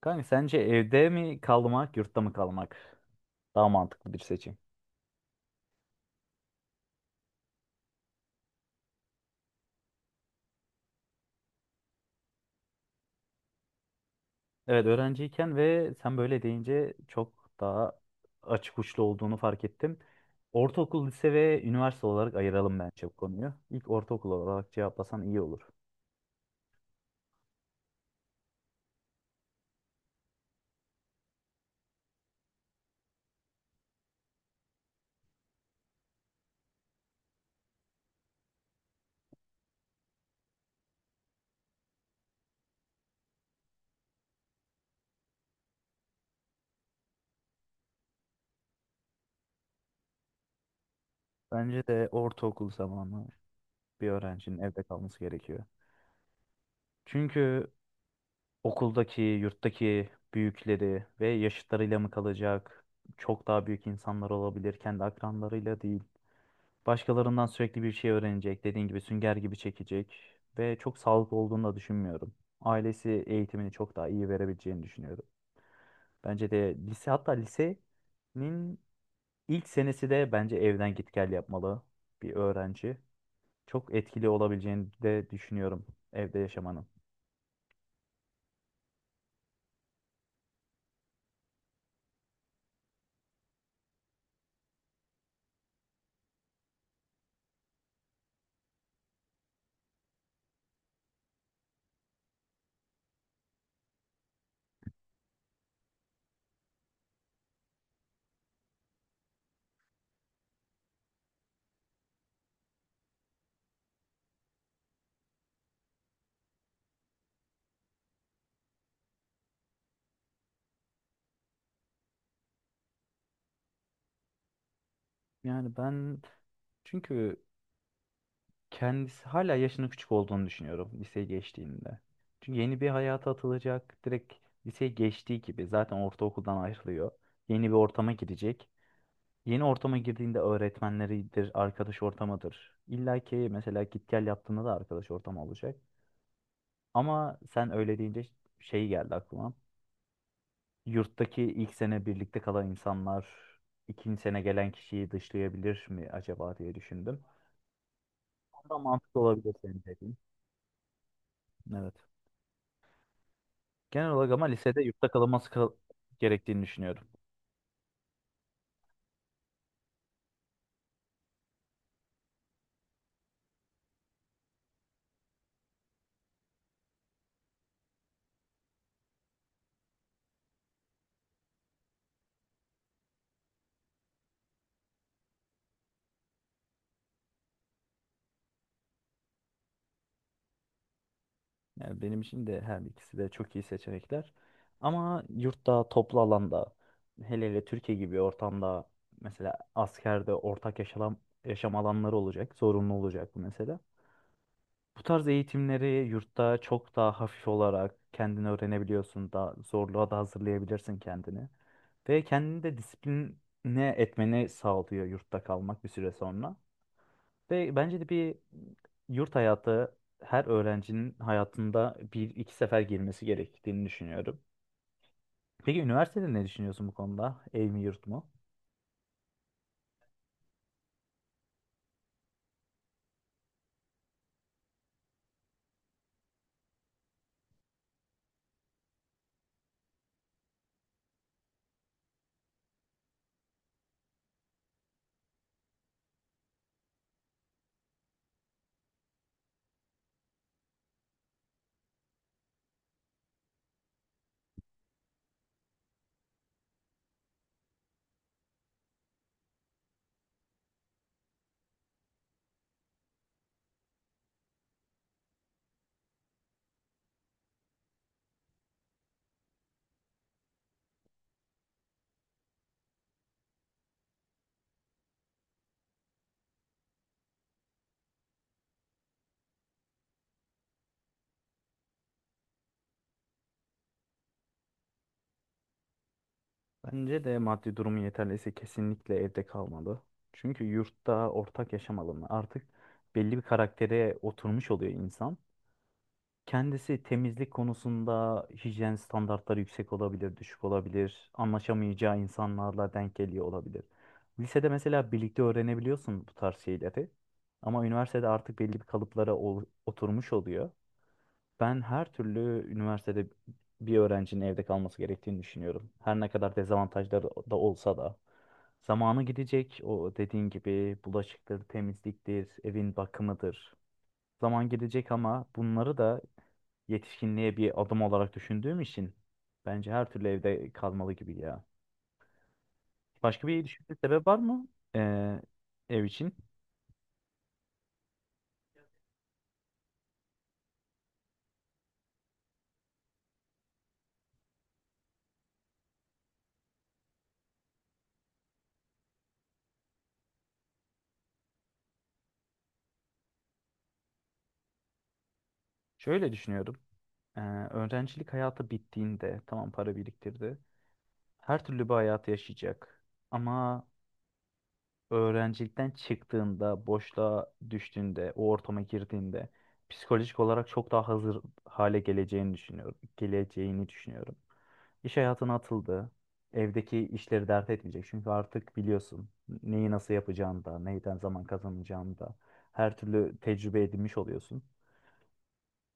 Kanka sence evde mi kalmak, yurtta mı kalmak daha mantıklı bir seçim? Evet öğrenciyken ve sen böyle deyince çok daha açık uçlu olduğunu fark ettim. Ortaokul, lise ve üniversite olarak ayıralım bence bu konuyu. İlk ortaokul olarak cevaplasan iyi olur. Bence de ortaokul zamanı bir öğrencinin evde kalması gerekiyor. Çünkü okuldaki, yurttaki büyükleri ve yaşıtlarıyla mı kalacak? Çok daha büyük insanlar olabilir, kendi akranlarıyla değil. Başkalarından sürekli bir şey öğrenecek. Dediğin gibi sünger gibi çekecek. Ve çok sağlıklı olduğunu da düşünmüyorum. Ailesi eğitimini çok daha iyi verebileceğini düşünüyorum. Bence de lise hatta lisenin ilk senesi de bence evden git gel yapmalı bir öğrenci. Çok etkili olabileceğini de düşünüyorum evde yaşamanın. Yani ben çünkü kendisi hala yaşının küçük olduğunu düşünüyorum liseye geçtiğinde. Çünkü yeni bir hayata atılacak. Direkt liseye geçtiği gibi zaten ortaokuldan ayrılıyor. Yeni bir ortama girecek. Yeni ortama girdiğinde öğretmenleridir, arkadaş ortamıdır. İlla ki mesela git gel yaptığında da arkadaş ortamı olacak. Ama sen öyle deyince şey geldi aklıma. Yurttaki ilk sene birlikte kalan insanlar ikinci sene gelen kişiyi dışlayabilir mi acaba diye düşündüm. O da mantıklı olabilir senin dediğin. Evet. Genel olarak ama lisede yurtta kalınması kal- gerektiğini düşünüyorum. Yani benim için de her ikisi de çok iyi seçenekler. Ama yurtta, toplu alanda, hele hele Türkiye gibi ortamda mesela askerde ortak yaşam, yaşam alanları olacak, zorunlu olacak bu mesela. Bu tarz eğitimleri yurtta çok daha hafif olarak kendini öğrenebiliyorsun, daha zorluğa da hazırlayabilirsin kendini. Ve kendini de disipline etmeni sağlıyor yurtta kalmak bir süre sonra. Ve bence de bir yurt hayatı her öğrencinin hayatında bir iki sefer girmesi gerektiğini düşünüyorum. Peki üniversitede ne düşünüyorsun bu konuda? Ev mi yurt mu? Bence de maddi durumu yeterliyse kesinlikle evde kalmalı. Çünkü yurtta ortak yaşam alanı artık belli bir karaktere oturmuş oluyor insan. Kendisi temizlik konusunda hijyen standartları yüksek olabilir, düşük olabilir. Anlaşamayacağı insanlarla denk geliyor olabilir. Lisede mesela birlikte öğrenebiliyorsun bu tarz şeyleri. Ama üniversitede artık belli bir kalıplara ol- oturmuş oluyor. Ben her türlü üniversitede bir öğrencinin evde kalması gerektiğini düşünüyorum. Her ne kadar dezavantajları da olsa da. Zamanı gidecek o dediğin gibi bulaşıktır, temizliktir, evin bakımıdır zaman gelecek ama bunları da yetişkinliğe bir adım olarak düşündüğüm için bence her türlü evde kalmalı gibi ya. Başka bir düşünce sebep var mı ee, ev için? Şöyle düşünüyorum. Ee, öğrencilik hayatı bittiğinde tamam para biriktirdi. Her türlü bir hayatı yaşayacak. Ama öğrencilikten çıktığında, boşluğa düştüğünde, o ortama girdiğinde psikolojik olarak çok daha hazır hale geleceğini düşünüyorum. Geleceğini düşünüyorum. İş hayatına atıldı. Evdeki işleri dert etmeyecek. Çünkü artık biliyorsun neyi nasıl yapacağını da, neyden zaman kazanacağını da her türlü tecrübe edinmiş oluyorsun.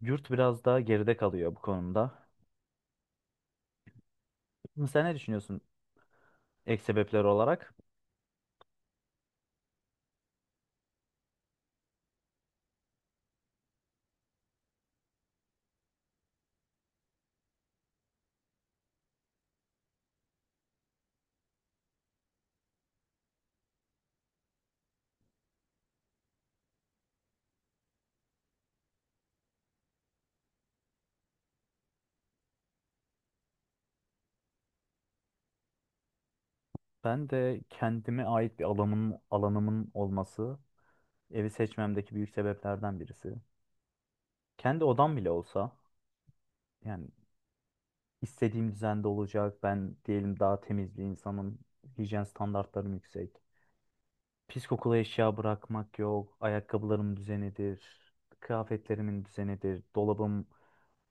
Yurt biraz daha geride kalıyor bu konuda. Sen ne düşünüyorsun? Ek sebepler olarak. Ben de kendime ait bir alanım, alanımın olması evi seçmemdeki büyük sebeplerden birisi. Kendi odam bile olsa yani istediğim düzende olacak. Ben diyelim daha temiz bir insanım. Hijyen standartlarım yüksek. Pis kokulu eşya bırakmak yok. Ayakkabılarım düzenidir. Kıyafetlerimin düzenidir. Dolabım,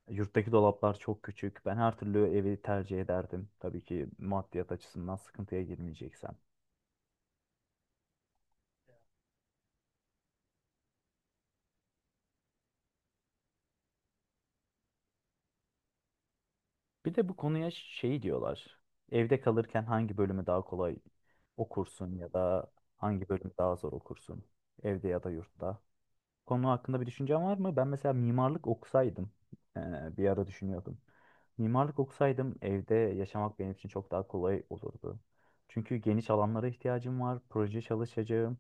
yurttaki dolaplar çok küçük. Ben her türlü evi tercih ederdim. Tabii ki maddiyat açısından sıkıntıya girmeyeceksem. Bir de bu konuya şey diyorlar. Evde kalırken hangi bölümü daha kolay okursun ya da hangi bölümü daha zor okursun? Evde ya da yurtta. Konu hakkında bir düşüncen var mı? Ben mesela mimarlık okusaydım, e, bir ara düşünüyordum. Mimarlık okusaydım evde yaşamak benim için çok daha kolay olurdu. Çünkü geniş alanlara ihtiyacım var, proje çalışacağım.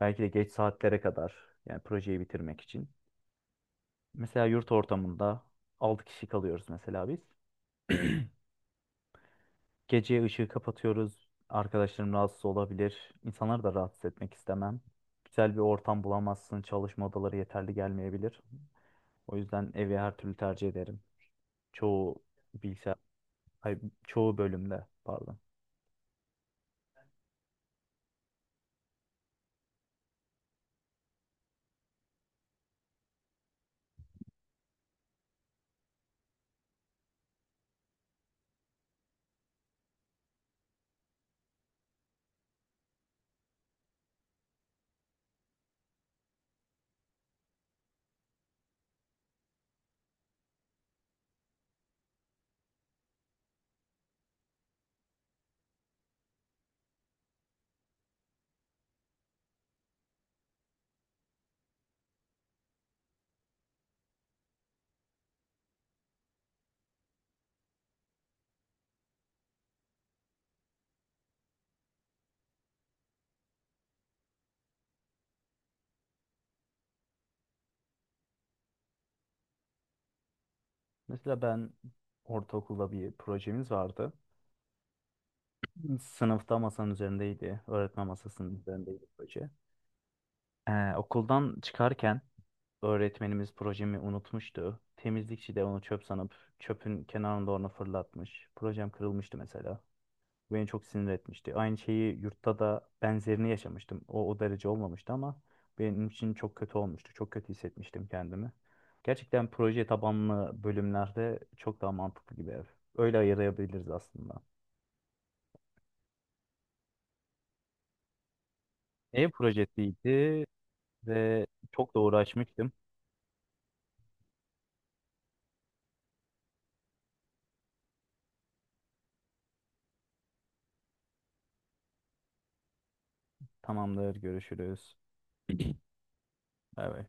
Belki de geç saatlere kadar yani projeyi bitirmek için. Mesela yurt ortamında 6 kişi kalıyoruz mesela biz. Gece ışığı kapatıyoruz. Arkadaşlarım rahatsız olabilir. İnsanları da rahatsız etmek istemem. Güzel bir ortam bulamazsın. Çalışma odaları yeterli gelmeyebilir. O yüzden evi her türlü tercih ederim. Çoğu bilgisayar, ay, Çoğu bölümde pardon. Mesela ben ortaokulda bir projemiz vardı. Sınıfta masanın üzerindeydi. Öğretmen masasının üzerindeydi proje. Okuldan çıkarken öğretmenimiz projemi unutmuştu. Temizlikçi de onu çöp sanıp çöpün kenarında onu fırlatmış. Projem kırılmıştı mesela. Beni çok sinir etmişti. Aynı şeyi yurtta da benzerini yaşamıştım. O derece olmamıştı ama benim için çok kötü olmuştu. Çok kötü hissetmiştim kendimi. Gerçekten proje tabanlı bölümlerde çok daha mantıklı gibi ev. Öyle ayırabiliriz aslında. Ev projesiydi ve çok da uğraşmıştım. Tamamdır, görüşürüz. Bay bay.